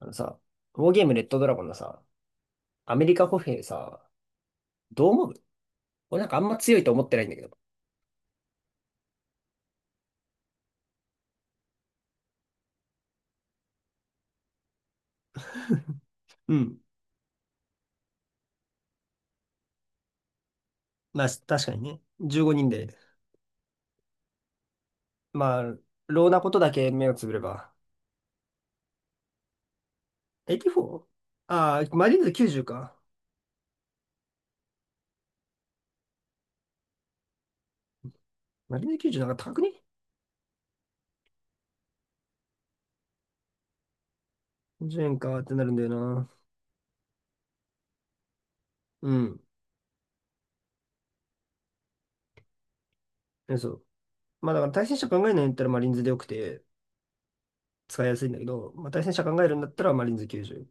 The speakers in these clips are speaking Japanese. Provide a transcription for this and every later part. あのさ、ウォーゲームレッドドラゴンのさ、アメリカ歩兵さ、どう思う？俺なんかあんま強いと思ってないんだけど。うん。まあ、確かにね。15人で。まあ、ローなことだけ目をつぶれば。84？ ああー、マリーンズ90か。マリーンズ90なんか高くね？ 10 円かってなるんだよな。うん。えそう。まあだから対戦者考えないんだったらマリーンズでよくて使いやすいんだけど、まあ対戦者考えるんだったらマリーンズ90。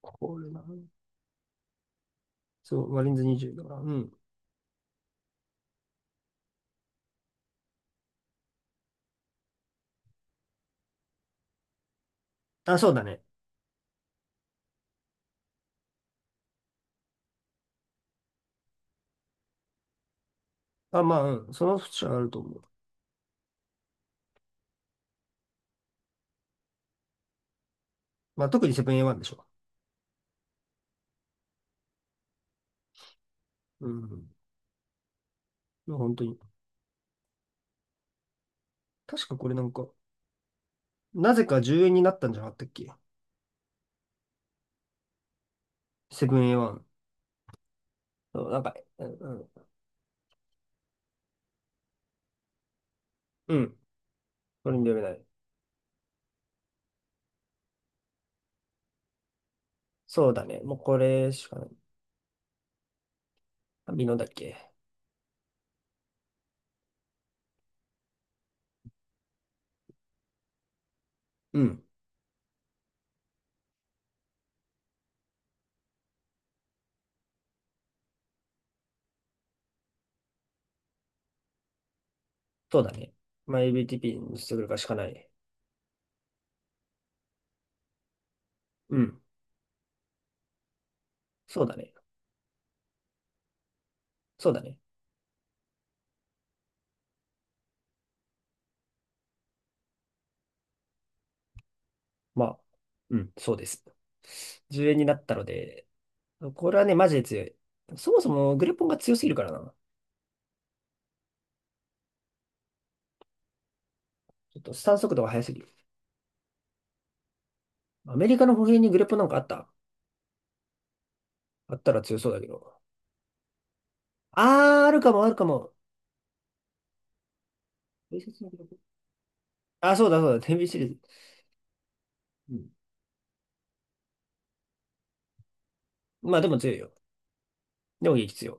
これな。そう、マリーンズ20だから。うん。あ、そうだね。あ、まあ、うんその節はあると思う。まあ、特にセブン A1 でしょ。うん。まあ本当に。確かこれなんか、なぜか10円になったんじゃなかったっけ？セブン A1。そうなんか、うんうん。うん。これに読めない。そうだね。もうこれしかない。美濃だっけ？うん。そうだね。まあ、LBTP にしてくるかしかない。うん。そうだね。そうだね。まあ、うん。そうです。10円になったので、これはね、マジで強い。そもそもグレポンが強すぎるからな。ちょっとスタン速度が速すぎる。アメリカの歩兵にグレップなんかあった？あったら強そうだけど。あー、あるかも、あるかも。伝説のグレップ、あ、そうだ、そうだ、テレビシリーズ。うん。まあでも強いよ。でも激強。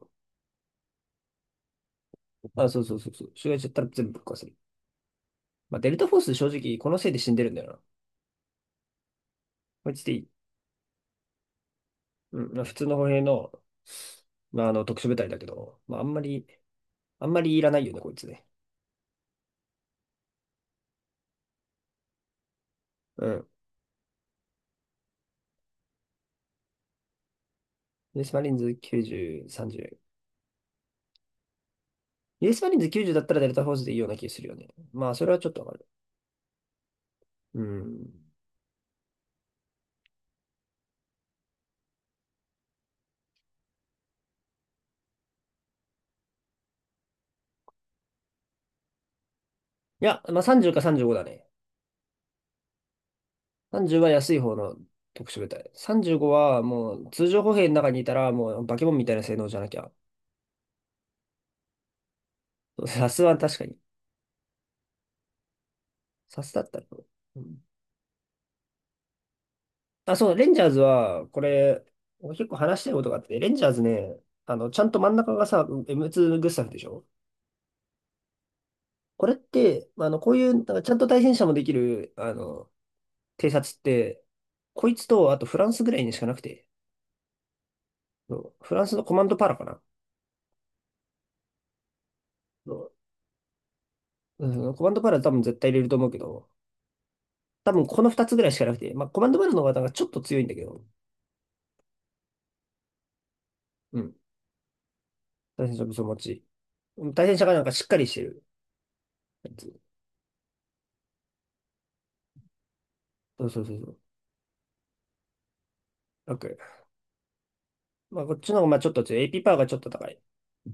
あ、そうそうそうそう。襲撃しちゃったら全部ぶっ壊せる。まあデルタフォース正直このせいで死んでるんだよな。こいつでいい。うん。まあ、普通の歩兵の、まああの特殊部隊だけど、まああんまり、あんまりいらないよね、こいつね。うん。ユースマリーンズ90、30。ユースマリーンズ90だったらデルタフォースでいいような気がするよね。まあそれはちょっとわかる。うん。いや、まあ30か35だね。30は安い方の特殊部隊。35はもう通常歩兵の中にいたらもうバケモンみたいな性能じゃなきゃ。サスは確かに。サスだったら。うん、あ、そう、レンジャーズは、これ、俺結構話したいことがあって、レンジャーズね、あの、ちゃんと真ん中がさ、M2 グスタフでしょ？これって、あの、こういう、なんかちゃんと対戦車もできる、あの、偵察って、こいつと、あとフランスぐらいにしかなくて、そうフランスのコマンドパラかな。そううん、コマンドパラ多分絶対入れると思うけど、多分この2つぐらいしかなくて、まあ、コマンドバルの方がちょっと強いんだけど、うん。対戦車武装持ち。対戦車がなんかしっかりしてるやつ。そうそうそうそう。楽。まあ、こっちの方がまあちょっと強い。AP パワーがちょっと高い。だ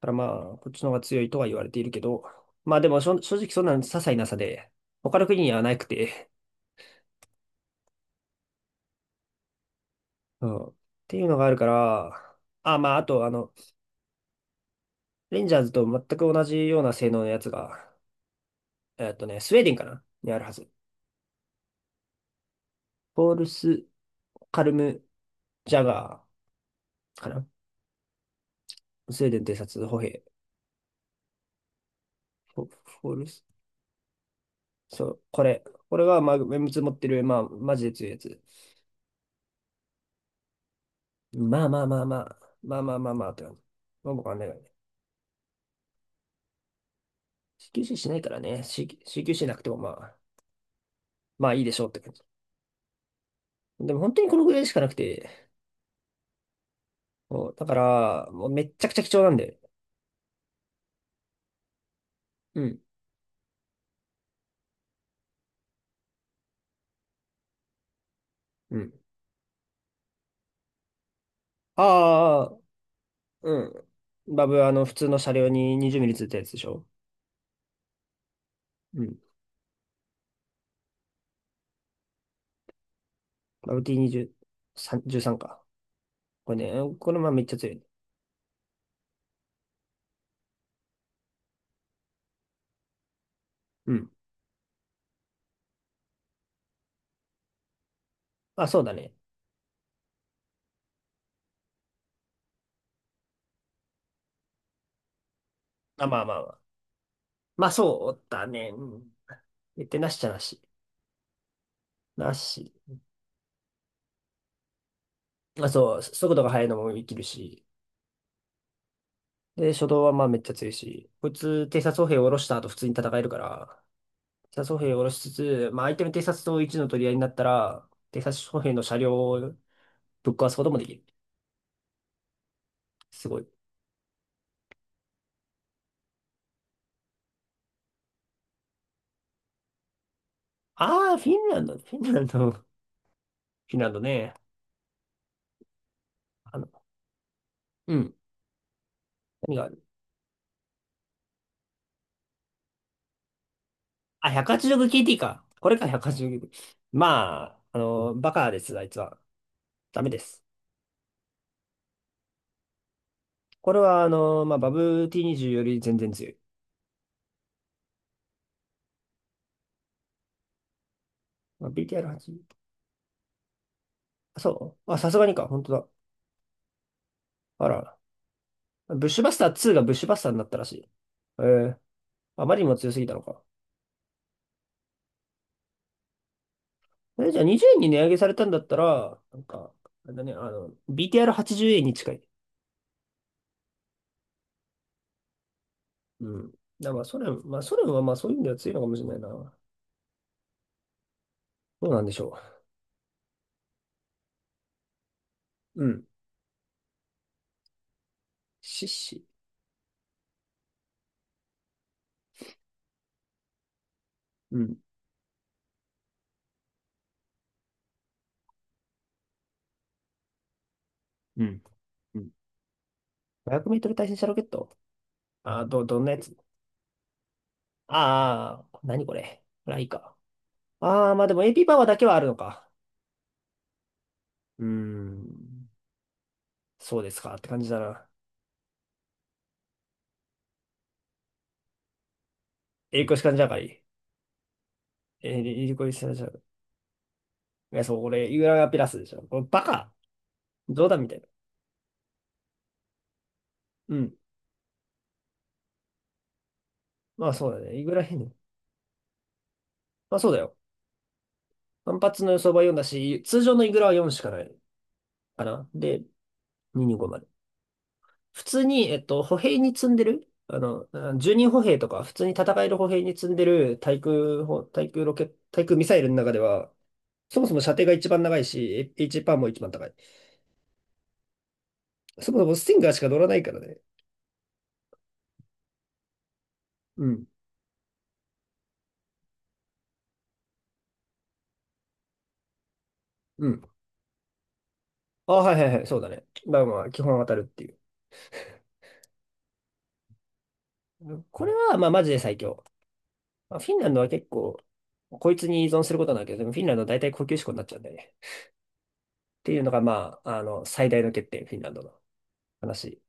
からまあ、こっちの方が強いとは言われているけど、まあでも正直そんな些細な差で、他の国にはなくて、うん。っていうのがあるから、あ、まあ、あと、あの、レンジャーズと全く同じような性能のやつが、えっとね、スウェーデンかなにあるはず。ポールス、カルム、ジャガーかな。スウェーデン偵察歩兵。フォルス。そう、これ。これは、まあ、メムツ持ってる、まあ、マジで強いやつ。まあまあまあまあ。まあまあまあまあ、って感じ。まあ、僕はね、CQC しないからね。CQC なくても、まあ、まあいいでしょうって感じ。でも本当にこのぐらいしかなくて、もう、だから、もうめっちゃくちゃ貴重なんで。うん。うん。ああ、うん。バブ、あの、普通の車両に20ミリついたやつでしょ？うん。バブ T20、3 13か。これね、これまあめっちゃ強い。うん。あ、そうだね。あ、まあまあまあ。まあそうだね。うん。言ってなしちゃなし。なし。まあそう、速度が速いのも生きるし。で、初動はまあめっちゃ強いし。こいつ、偵察歩兵を下ろした後普通に戦えるから、偵察歩兵を下ろしつつ、まあ相手の偵察と一の取り合いになったら、偵察歩兵の車両をぶっ壊すこともできる。すごい。ああ、フィンランド、フィンランド、フィンランドね。あの、うん。何がある？あ、186KT か。これか、186KT。まあ、あの、バカです、あいつは。ダメです。これは、あの、まあ、バブ T20 より全然強い。まあ、BTR8？ あそうあ、さすがにか。本当だ。あら。ブッシュバスター2がブッシュバスターになったらしい。えー、あまりにも強すぎたのか。え、じゃあ20円に値上げされたんだったら、なんか、あれだね、あの、BTR80 円に近い。うん。だからまあ、ソ連、まあ、ソ連はまあ、そういう意味では強いのかもしれないな。どうなんでしょう。うん。シッシ。うん。うん。うん。500メートル対戦車ロケットあー、どんなやつ？ああー、何これ。これはいいか。ああ、まあでもエーピーパワーだけはあるのか。うーん。そうですかって感じだな。エリコシカンジャガリ。エリコシカンジャガリ。いや、そう、俺、イグラがピラスでしょ。これバカ冗談みたいな。うん。まあそうだね。イグラ変に。まあそうだよ。反発の予想は4だし、通常のイグラは4しかないかな。で、225まで。普通に、えっと、歩兵に積んでるあの、あ10人歩兵とか、普通に戦える歩兵に積んでる対空砲対空ロケ、対空ミサイルの中では、そもそも射程が一番長いし、H パーも一番高い。そもそもスティンガーしか乗らないからね。うん。うん。あ、はいはいはい、そうだね。まあまあ、基本当たるっていう。これは、まあ、マジで最強。まあ、フィンランドは結構、こいつに依存することなんだけど、でもフィンランドは大体高級志向になっちゃうんだよね。っていうのが、まあ、あの、最大の欠点、フィンランドの話。